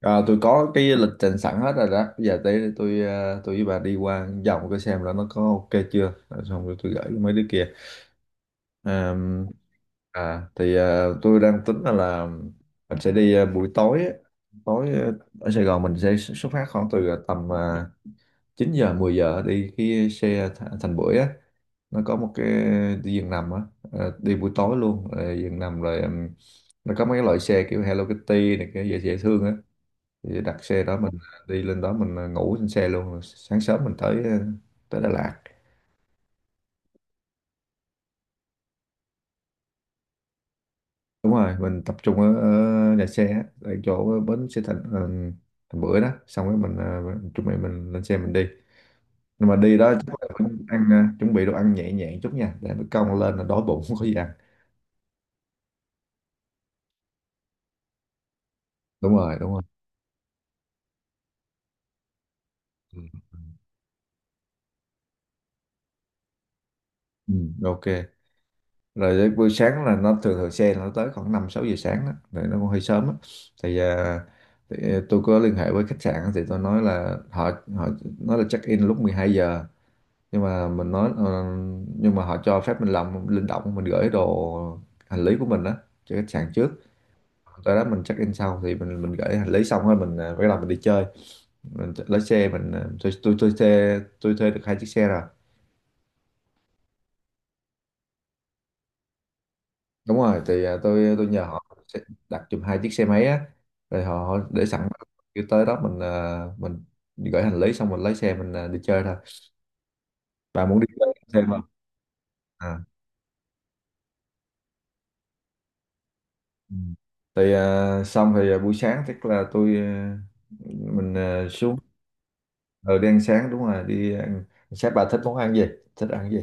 À, tôi có cái lịch trình sẵn hết rồi đó. Bây giờ tới đây tôi với bà đi qua vòng cái xem là nó có ok chưa. Rồi. Xong rồi tôi gửi cho mấy đứa kia. Ờm, À thì tôi đang tính là mình sẽ đi buổi tối á. Tối, ở Sài Gòn mình sẽ xuất phát khoảng từ tầm 9 giờ 10 giờ đi cái xe Thành Bưởi á. Nó có một cái đi giường nằm á. Đi buổi tối luôn. Ờ, giường nằm rồi nó có mấy cái loại xe kiểu Hello Kitty này cái dễ dễ thương á thì đặt xe đó mình đi lên đó mình ngủ trên xe luôn rồi sáng sớm mình tới Đà Lạt. Đúng rồi mình tập trung ở nhà xe á, ở chỗ bến xe Thành Bưởi đó xong rồi mình chuẩn bị mình lên xe mình đi, nhưng mà đi đó chắc là cũng ăn chuẩn bị đồ ăn nhẹ nhẹ chút nha để nó cong lên là đói bụng không có gì ăn. Đúng rồi, đúng rồi. Ừ. Ừ, ok. Rồi đến buổi sáng là nó thường thường xe nó tới khoảng 5 6 giờ sáng đó rồi, nó cũng hơi sớm á. Thì, tôi có liên hệ với khách sạn thì tôi nói là họ, họ nói là check in lúc 12 giờ, nhưng mà mình nói nhưng mà họ cho phép mình làm linh động, mình gửi đồ hành lý của mình đó cho khách sạn trước, tới đó mình check in sau. Thì mình gửi hành lý xong rồi mình bắt đầu mình đi chơi, mình lái xe mình, tôi thuê được hai chiếc xe rồi. Đúng rồi, thì tôi nhờ họ sẽ đặt giùm hai chiếc xe máy á, rồi họ họ để sẵn, kêu tới đó mình gửi hành lý xong mình lấy xe mình đi chơi thôi. Bà muốn đi chơi xe không? À. Ừ. Thì xong thì buổi sáng tức là mình xuống ở đi ăn sáng. Đúng rồi, đi ăn sáng. Bà thích món ăn gì? Thích ăn gì?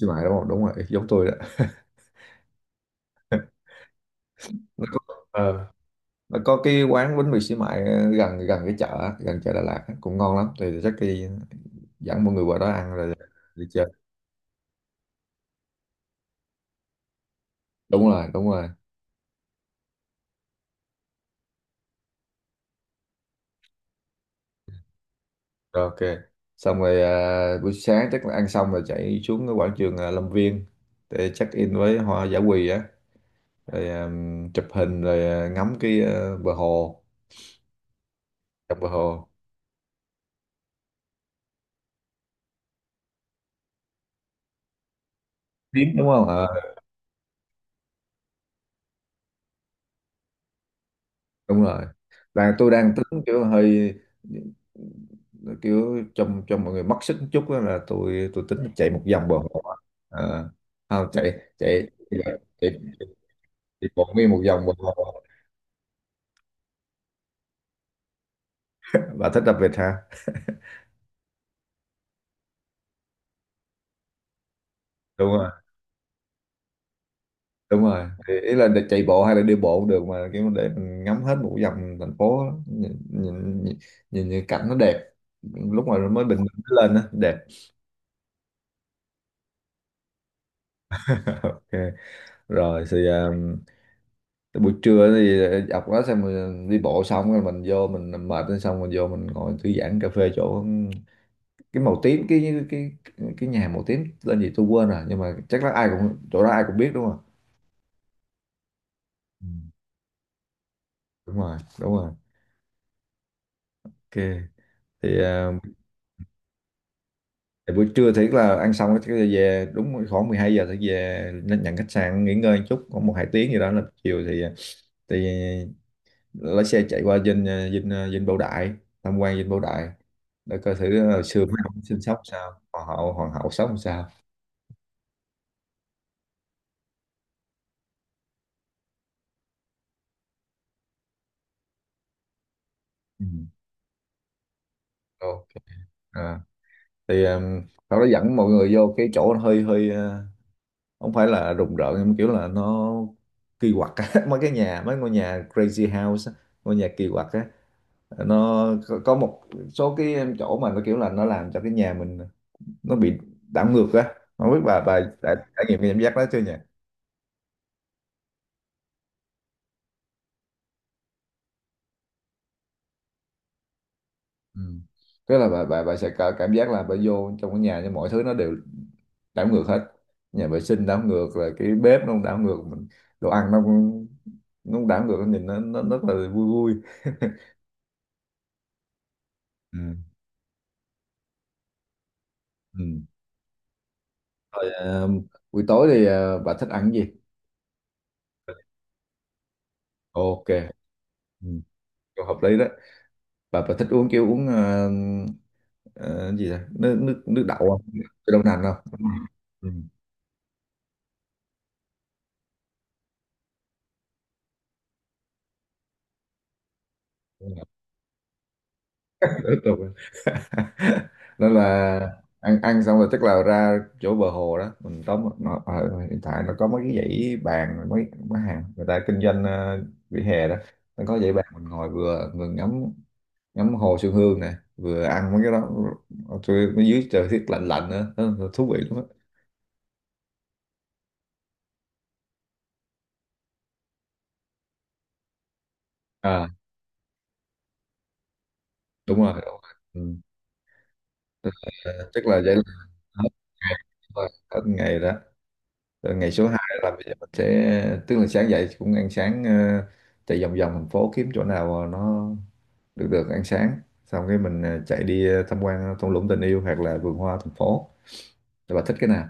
Xí mại, đúng không? Đúng rồi, giống tôi đó. Nó có, ờ, nó có cái quán bánh mì xí mại, à, gần gần cái chợ á, gần chợ Đà Lạt á, cũng ngon lắm, thì chắc đi dẫn mọi người qua đó ăn rồi đi chơi. Đúng rồi, đúng rồi. Rồi, ok. Xong rồi buổi sáng chắc là ăn xong rồi chạy xuống cái quảng trường Lâm Viên để check in với hoa giả quỳ á, rồi chụp hình, rồi ngắm cái bờ hồ, dọc bờ hồ. Tiếng, đúng không? Ờ, đúng rồi. Và tôi đang tính kiểu hơi, kiểu cho mọi người mất sức một chút á, là tôi tính chạy một vòng bờ hồ. à, không chạy, chạy bộ nguyên một vòng bờ hồ. Bà thích đặc biệt hả? Đúng rồi, đúng rồi, thì ý là chạy bộ hay là đi bộ cũng được, mà kiểu để mình ngắm hết một vòng thành phố á. Nhìn những cảnh nó đẹp lúc mà mới bình minh nó lên á, đẹp. Ok. Rồi thì tới buổi trưa thì, dọc đó xong mình đi bộ xong rồi mình vô, mình mệt lên xong mình vô mình ngồi thư giãn cà phê chỗ, cái màu tím, cái nhà màu tím tên gì tôi quên rồi, nhưng mà chắc là ai cũng chỗ đó ai cũng biết, đúng không? Ừ. Đúng rồi, đúng rồi. Ok. Thì thì buổi trưa thì là ăn xong cái về đúng khoảng 12 giờ, thì về lên nhận khách sạn nghỉ ngơi một chút khoảng 1 2 tiếng gì đó, là chiều thì, thì lái xe chạy qua dinh, dinh Bảo Đại, tham quan dinh Bảo Đại để coi thử hồi xưa mấy ông sinh sống sao, hoàng hậu sống sao. Ừ. Ok. à, thì nó dẫn mọi người vô cái chỗ nó hơi hơi, không phải là rùng rợn nhưng mà kiểu là nó kỳ quặc á, mấy cái nhà, mấy ngôi nhà crazy house á, ngôi nhà kỳ quặc á, nó có một số cái chỗ mà nó kiểu là nó làm cho cái nhà mình nó bị đảo ngược á. Không biết bà đã trải nghiệm cái cảm giác đó chưa nhỉ? Ừ. Tức là bà sẽ có cảm giác là bà vô trong cái nhà nhưng mọi thứ nó đều đảo ngược hết, nhà vệ sinh đảo ngược, rồi cái bếp nó cũng đảo ngược, mình đồ ăn nó cũng, nó cũng đảo ngược, nhìn nó rất là vui vui. Ừ. Ừ. Rồi buổi tối thì bà thích ăn cái gì? Ok. Ừ. Câu hợp lý đó. Bà thích uống kiểu uống gì à? Nước nước nước đậu không, cái đậu nành không? Ừ. Rất là quen. Nên là ăn ăn xong rồi tức là ra chỗ bờ hồ đó, mình tóm một-, nó ở hiện tại nó có mấy cái dãy bàn, mấy mấy hàng người ta kinh doanh vỉa hè đó, nó có dãy bàn mình ngồi vừa vừa ngắm ngắm hồ Xuân Hương nè, vừa ăn mấy cái đó, tôi ở dưới trời tiết lạnh lạnh nữa. Nó-, nó thú vị lắm á. À. Đúng rồi, đúng rồi. Ừ. tức tức là vậy là hết ngày, rồi, hết ngày đó. Rồi ngày số 2 là bây giờ mình sẽ, tức là sáng dậy cũng ăn sáng, chạy vòng vòng thành phố kiếm chỗ nào nó được được ăn sáng, xong cái mình chạy đi tham quan thung lũng tình yêu hoặc là vườn hoa thành phố, rồi bà thích cái nào?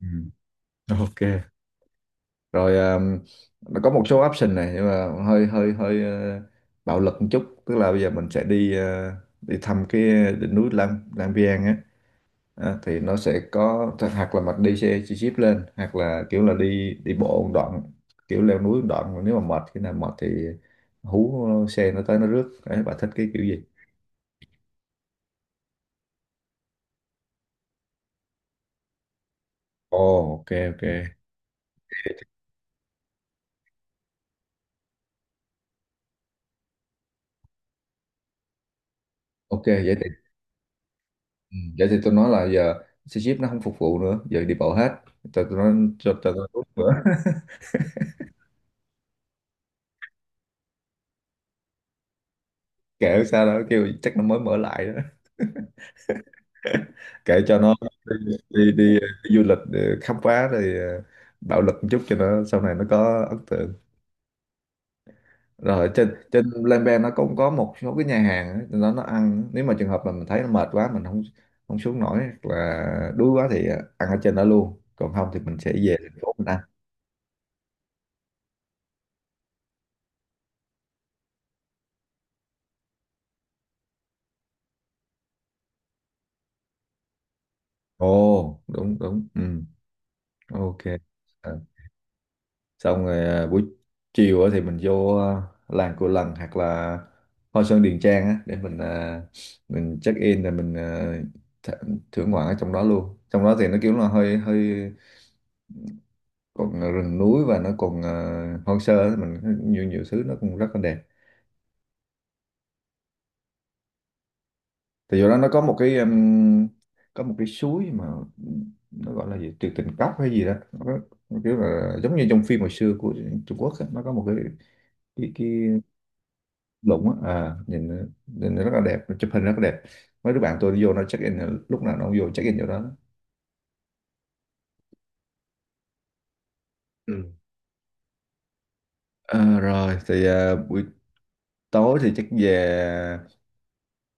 Ừ. Ok. Rồi nó có một số option này nhưng mà hơi hơi hơi bạo lực một chút, tức là bây giờ mình sẽ đi, ờ, đi thăm cái đỉnh núi Lang Lang Biang á. Thì nó sẽ có hoặc là mình đi xe chi chít lên hoặc là kiểu là đi đi bộ một đoạn, kiểu leo núi một đoạn mà nếu mà mệt, khi nào mệt thì hú xe nó tới nó rước, đấy bà thích cái kiểu gì? Ồ, ok, ok. Ok, vậy thì, ừ, vậy thì tôi nói là giờ xe jeep nó không phục vụ nữa, giờ đi bộ hết, cho tôi nói, cho tôi rút nữa. Kệ sao đó, kêu chắc nó mới mở lại đó, kệ cho nó, đi đi, đi, đi du lịch để khám phá, rồi bạo lực một chút cho nó sau này nó có ấn tượng. Rồi trên, trên Lembe nó cũng có một số cái nhà hàng á, nó ăn, nếu mà trường hợp mà mình thấy nó mệt quá mình không, không xuống nổi hoặc là đuối quá thì ăn ở trên đó luôn, còn không thì mình sẽ về thành phố mình ăn. Ồ, đúng, đúng. Ừ. Ok. Ờ, xong rồi buổi chiều á thì mình vô làng Cù Lần hoặc là Hoa Sơn Điền Trang á, để mình mình check in rồi mình à, th thưởng ngoạn ở trong đó luôn, trong đó thì nó kiểu là hơi hơi, còn rừng núi và nó còn hoang sơ, thì mình nhiều nhiều thứ nó cũng rất là đẹp. Thì do đó nó có một cái, có một cái suối mà nó gọi là gì tuyệt tình cốc hay gì đó, nó kiểu là giống như trong phim hồi xưa của Trung Quốc á, nó có một cái, cái lũng á, nhìn nó rất là đẹp, chụp hình rất là đẹp. Mấy đứa bạn tôi đi vô nó check in, lúc nào nó cũng vô check in chỗ đó. Ừ. Ờ, rồi thì buổi tối thì chắc về,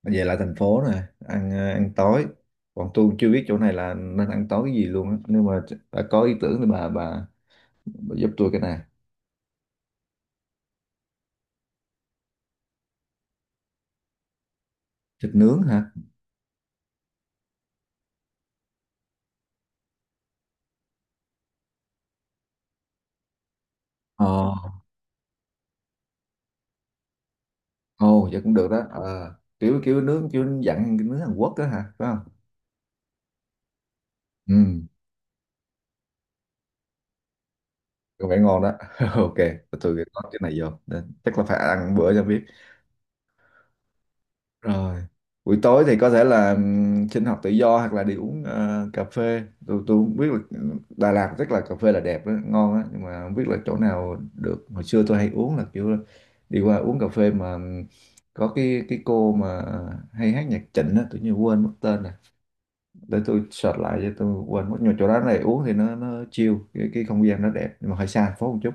về lại thành phố nè ăn, ăn tối, còn tôi chưa biết chỗ này là nên ăn tối cái gì luôn á, nhưng mà bà có ý tưởng thì bà giúp tôi cái này. Thịt nướng hả? Ờ. Ồ, vậy cũng được đó. Ờ kiểu kiểu nướng kiểu dặn cái nướng Hàn Quốc đó hả, phải không? Ừ. Có vẻ ngon đó. Ok. Ghi có cái này vô, chắc là phải ăn bữa cho biết. Rồi, buổi tối thì có thể là sinh hoạt tự do hoặc là đi uống cà phê. Tôi không biết là Đà Lạt rất là cà phê là đẹp đó, ngon á, nhưng mà không biết là chỗ nào được. Hồi xưa tôi hay uống là kiểu đi qua uống cà phê mà có cái cô mà hay hát nhạc Trịnh á, tự nhiên quên mất tên rồi, để tôi search lại cho, tôi quên mất, nhưng mà chỗ đó này uống thì nó chill, cái không gian nó đẹp nhưng mà hơi xa thành phố một chút.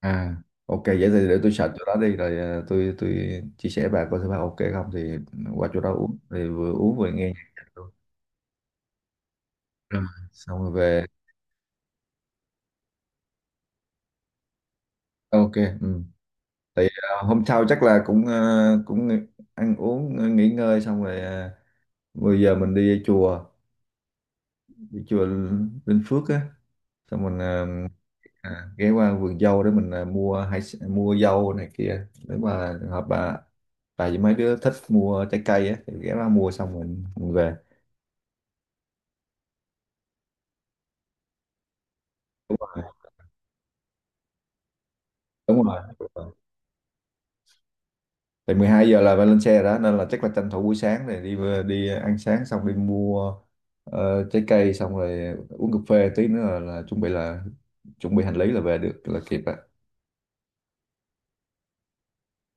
À, ok, vậy thì để tôi search chỗ đó đi rồi tôi chia sẻ bà coi thử bà ok không, thì qua chỗ đó uống thì vừa uống vừa nghe nhạc, nhạc luôn. Rồi. Xong rồi về. Ok. Ừ. Thì hôm sau chắc là cũng ờ, cũng nghỉ- ăn uống nghỉ ngơi, xong rồi 10 giờ mình đi chùa, đi chùa Linh Phước á, xong mình ghé qua vườn dâu để mình mua mua dâu này kia, nếu mà trường hợp bà với mấy đứa thích mua trái cây á thì ghé qua mua, xong mình về. Đúng rồi, đúng rồi. Thì 12 giờ là phải lên xe rồi đó, nên là chắc là tranh thủ buổi sáng này đi, đi ăn sáng xong đi mua trái cây, xong rồi uống cà phê tí nữa là chuẩn bị, là chuẩn bị hành lý là về được là kịp đó.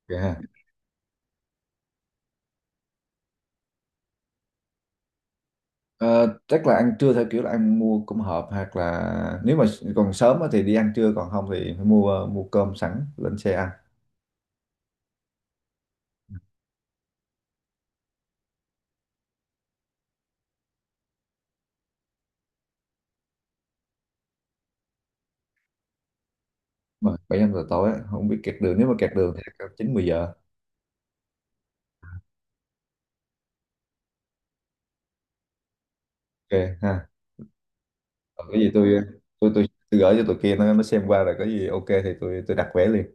Dạ ha. Ờ, chắc là ăn trưa theo kiểu là ăn mua cơm hộp, hoặc là nếu mà còn sớm á thì đi ăn trưa, còn không thì phải mua, mua cơm sẵn lên xe ăn. Mà bảy năm giờ tối á, không biết kẹt đường, nếu mà kẹt đường thì chắc 9 10 giờ. Ok ha. Còn cái gì tôi, tôi gửi cho tụi kia nó xem qua rồi, có gì ok thì tôi đặt vé liền.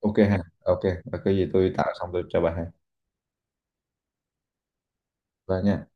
Ok ha. Ok. Và cái gì tôi tạo xong tôi cho bà ha. Và nha.